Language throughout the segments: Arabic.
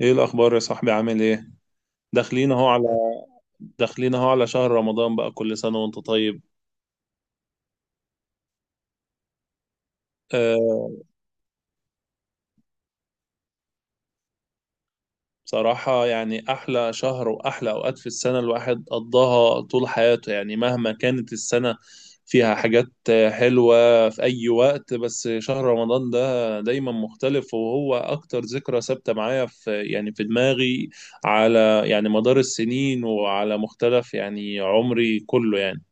ايه الاخبار يا صاحبي؟ عامل ايه؟ داخلين اهو على داخلين اهو على شهر رمضان بقى، كل سنه وانت طيب. أه. بصراحه يعني احلى شهر واحلى اوقات في السنه الواحد قضاها طول حياته، يعني مهما كانت السنه فيها حاجات حلوه في اي وقت، بس شهر رمضان ده دايما مختلف، وهو اكتر ذكرى ثابته معايا في، يعني في دماغي، على يعني مدار السنين وعلى مختلف يعني عمري كله يعني.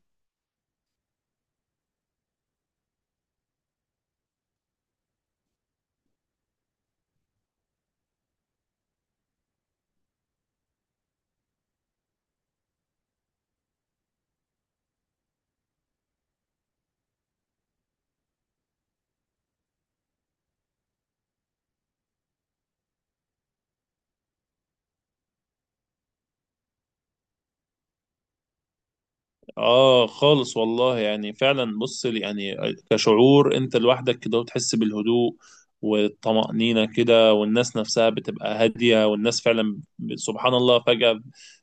اه خالص والله، يعني فعلا بص يعني كشعور انت لوحدك كده وتحس بالهدوء والطمأنينة كده، والناس نفسها بتبقى هادية، والناس فعلا سبحان الله فجأة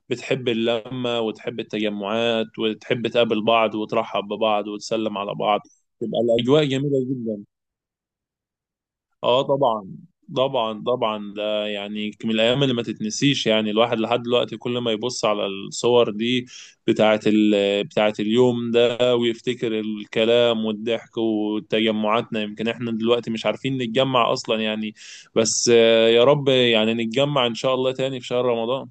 بتحب اللمة وتحب التجمعات وتحب تقابل بعض وترحب ببعض وتسلم على بعض، تبقى الأجواء جميلة جدا. اه طبعا. طبعا طبعا، ده يعني من الايام اللي ما تتنسيش، يعني الواحد لحد دلوقتي كل ما يبص على الصور دي بتاعه اليوم ده ويفتكر الكلام والضحك وتجمعاتنا، يمكن احنا دلوقتي مش عارفين نتجمع اصلا يعني، بس يا رب يعني نتجمع ان شاء الله تاني في شهر رمضان.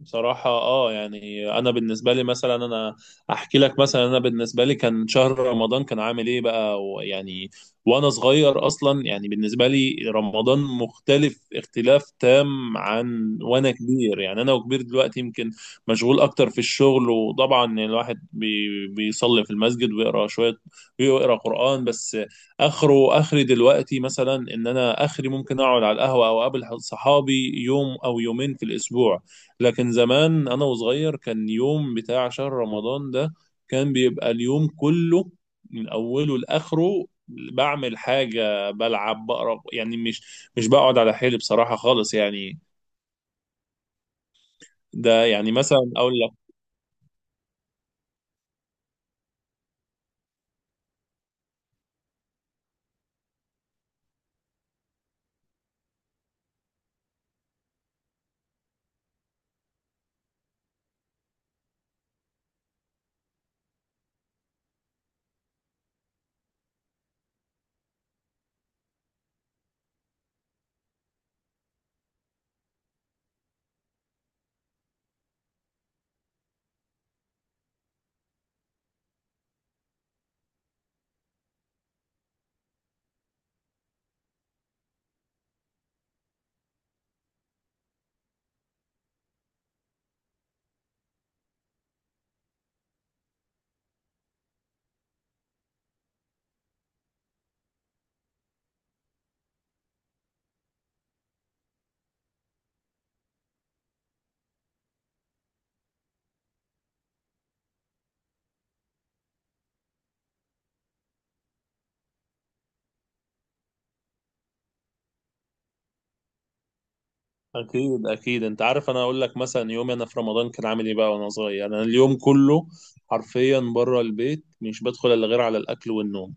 بصراحة اه يعني انا بالنسبة لي مثلا، انا احكي لك مثلا، انا بالنسبة لي كان شهر رمضان كان عامل ايه بقى ويعني وانا صغير. اصلا يعني بالنسبة لي رمضان مختلف اختلاف تام عن وانا كبير، يعني انا وكبير دلوقتي يمكن مشغول اكتر في الشغل، وطبعا يعني الواحد بيصلي في المسجد ويقرا شوية ويقرا قرآن بس، اخره اخري دلوقتي مثلا ان انا اخري ممكن اقعد على القهوة او اقابل صحابي يوم او يومين في الاسبوع. لكن زمان انا وصغير كان يوم بتاع شهر رمضان ده كان بيبقى اليوم كله من اوله لاخره بعمل حاجه، بلعب، بقرا، يعني مش بقعد على حيلي بصراحه خالص يعني. ده يعني مثلا اقول لك. اكيد اكيد انت عارف، انا اقول لك مثلا يومي انا في رمضان كان عامل ايه بقى وانا صغير. انا اليوم كله حرفيا بره البيت، مش بدخل الا غير على الاكل والنوم.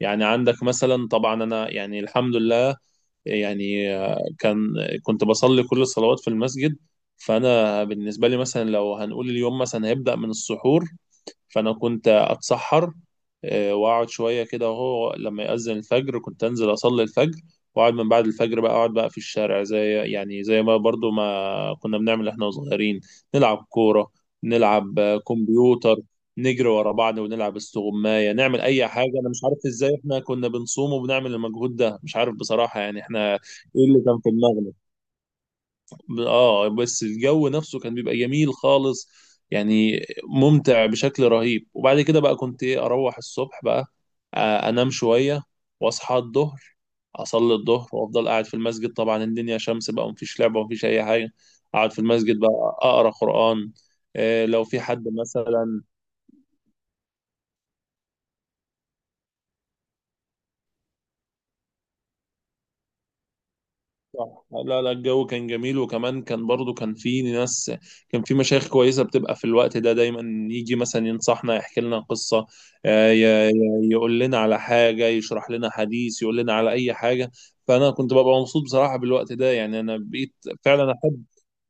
يعني عندك مثلا، طبعا انا يعني الحمد لله يعني كنت بصلي كل الصلوات في المسجد. فانا بالنسبه لي مثلا لو هنقول اليوم مثلا هيبدا من السحور، فأنا كنت أتسحر وأقعد شوية كده، وهو لما يأذن الفجر كنت أنزل أصلي الفجر وأقعد من بعد الفجر بقى، أقعد بقى في الشارع زي يعني زي ما برضو ما كنا بنعمل إحنا صغيرين، نلعب كورة، نلعب كمبيوتر، نجري ورا بعض، ونلعب استغماية، نعمل أي حاجة. أنا مش عارف إزاي إحنا كنا بنصوم وبنعمل المجهود ده، مش عارف بصراحة يعني إحنا إيه اللي كان في دماغنا. اه بس الجو نفسه كان بيبقى جميل خالص، يعني ممتع بشكل رهيب. وبعد كده بقى كنت ايه، اروح الصبح بقى انام شوية واصحى الظهر، اصلي الظهر وافضل قاعد في المسجد. طبعا الدنيا شمس بقى ومفيش لعبة ومفيش اي حاجة، اقعد في المسجد بقى اقرا قرآن. لو في حد مثلا. صح، لا لا الجو كان جميل، وكمان كان برضو كان في ناس، كان في مشايخ كويسة بتبقى في الوقت ده دايما يجي مثلا ينصحنا، يحكي لنا قصة، آه، ي- ي- يقول لنا على حاجة، يشرح لنا حديث، يقول لنا على أي حاجة. فأنا كنت ببقى مبسوط بصراحة بالوقت ده، يعني أنا بقيت فعلا أحب،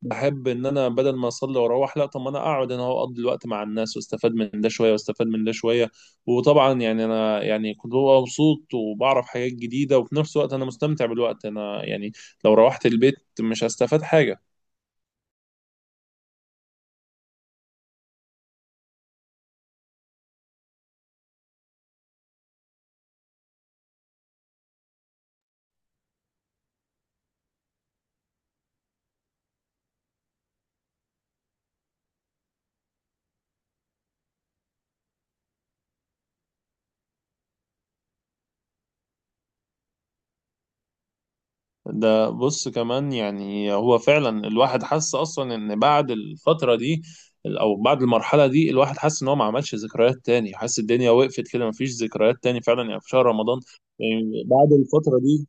بحب ان انا بدل ما اصلي واروح، لا طب ما انا اقعد، انا هو اقضي الوقت مع الناس واستفاد من ده شويه واستفاد من ده شويه، وطبعا يعني انا يعني كنت ببقى مبسوط وبعرف حاجات جديده، وفي نفس الوقت انا مستمتع بالوقت. انا يعني لو روحت البيت مش هستفاد حاجه. ده بص كمان، يعني هو فعلا الواحد حس اصلا ان بعد الفتره دي او بعد المرحله دي الواحد حس ان هو ما عملش ذكريات تاني، حس الدنيا وقفت كده، ما فيش ذكريات تاني فعلا يعني في شهر رمضان. يعني بعد الفتره دي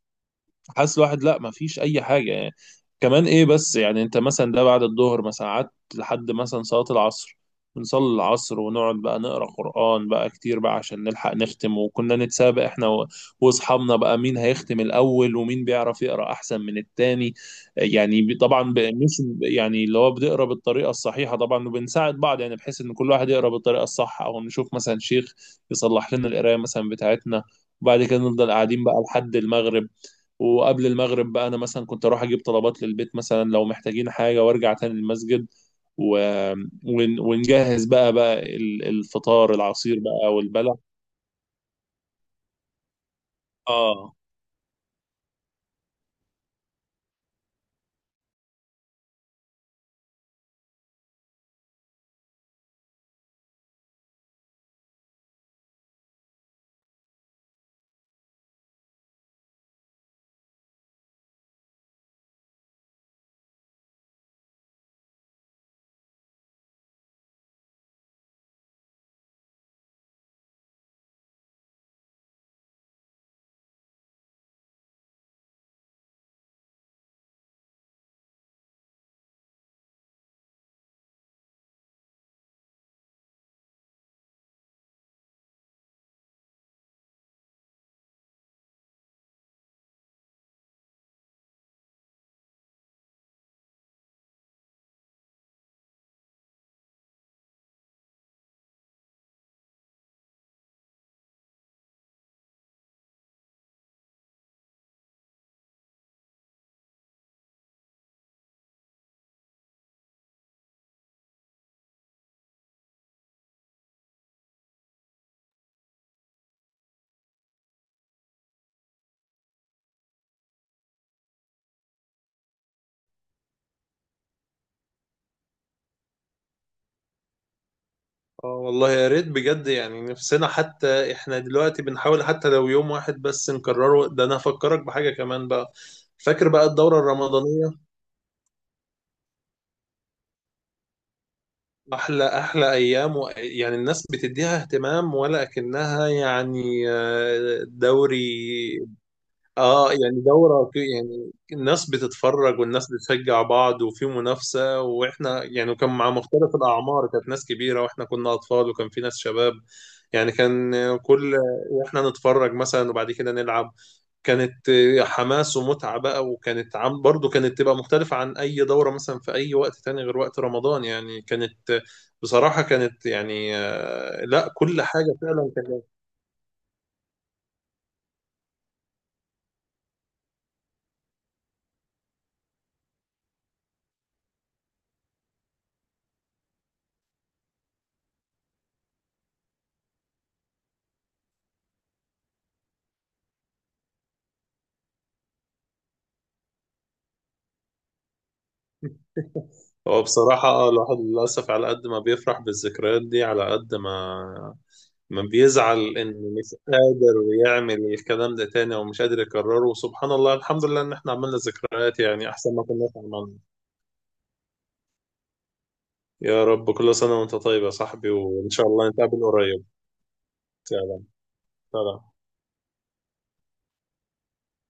حاسس الواحد لا، ما فيش اي حاجه يعني. كمان ايه، بس يعني انت مثلا ده بعد الظهر مثلا قعدت لحد مثلا صلاه العصر، بنصلي العصر ونقعد بقى نقرا قران بقى كتير بقى عشان نلحق نختم، وكنا نتسابق احنا واصحابنا بقى مين هيختم الاول ومين بيعرف يقرا احسن من التاني. يعني طبعا مش يعني اللي هو بنقرا بالطريقه الصحيحه طبعا، وبنساعد بعض يعني بحيث ان كل واحد يقرا بالطريقه الصح، او نشوف مثلا شيخ يصلح لنا القرايه مثلا بتاعتنا. وبعد كده نفضل قاعدين بقى لحد المغرب. وقبل المغرب بقى انا مثلا كنت اروح اجيب طلبات للبيت مثلا لو محتاجين حاجه وارجع تاني المسجد و... ونجهز بقى الفطار، العصير بقى والبلح. اه. اه والله يا ريت بجد، يعني نفسنا حتى احنا دلوقتي بنحاول حتى لو يوم واحد بس نكرره ده. انا هفكرك بحاجة كمان بقى، فاكر بقى الدورة الرمضانية؟ احلى احلى ايام يعني الناس بتديها اهتمام ولا اكنها يعني دوري. اه يعني دورة، في يعني الناس بتتفرج والناس بتشجع بعض وفي منافسة، واحنا يعني كان مع مختلف الأعمار، كانت ناس كبيرة واحنا كنا أطفال وكان في ناس شباب يعني. كان كل، واحنا نتفرج مثلا وبعد كده نلعب، كانت حماس ومتعة بقى، وكانت برضو تبقى مختلفة عن أي دورة مثلا في أي وقت تاني غير وقت رمضان، يعني كانت بصراحة كانت يعني لا كل حاجة فعلا. هو بصراحة الواحد للأسف على قد ما بيفرح بالذكريات دي، على قد ما بيزعل إنه مش قادر يعمل الكلام ده تاني أو مش قادر يكرره. وسبحان الله الحمد لله إن إحنا عملنا ذكريات يعني أحسن ما كنا عملنا. يا رب. كل سنة وأنت طيب يا صاحبي، وإن شاء الله نتقابل قريب. سلام. سلام.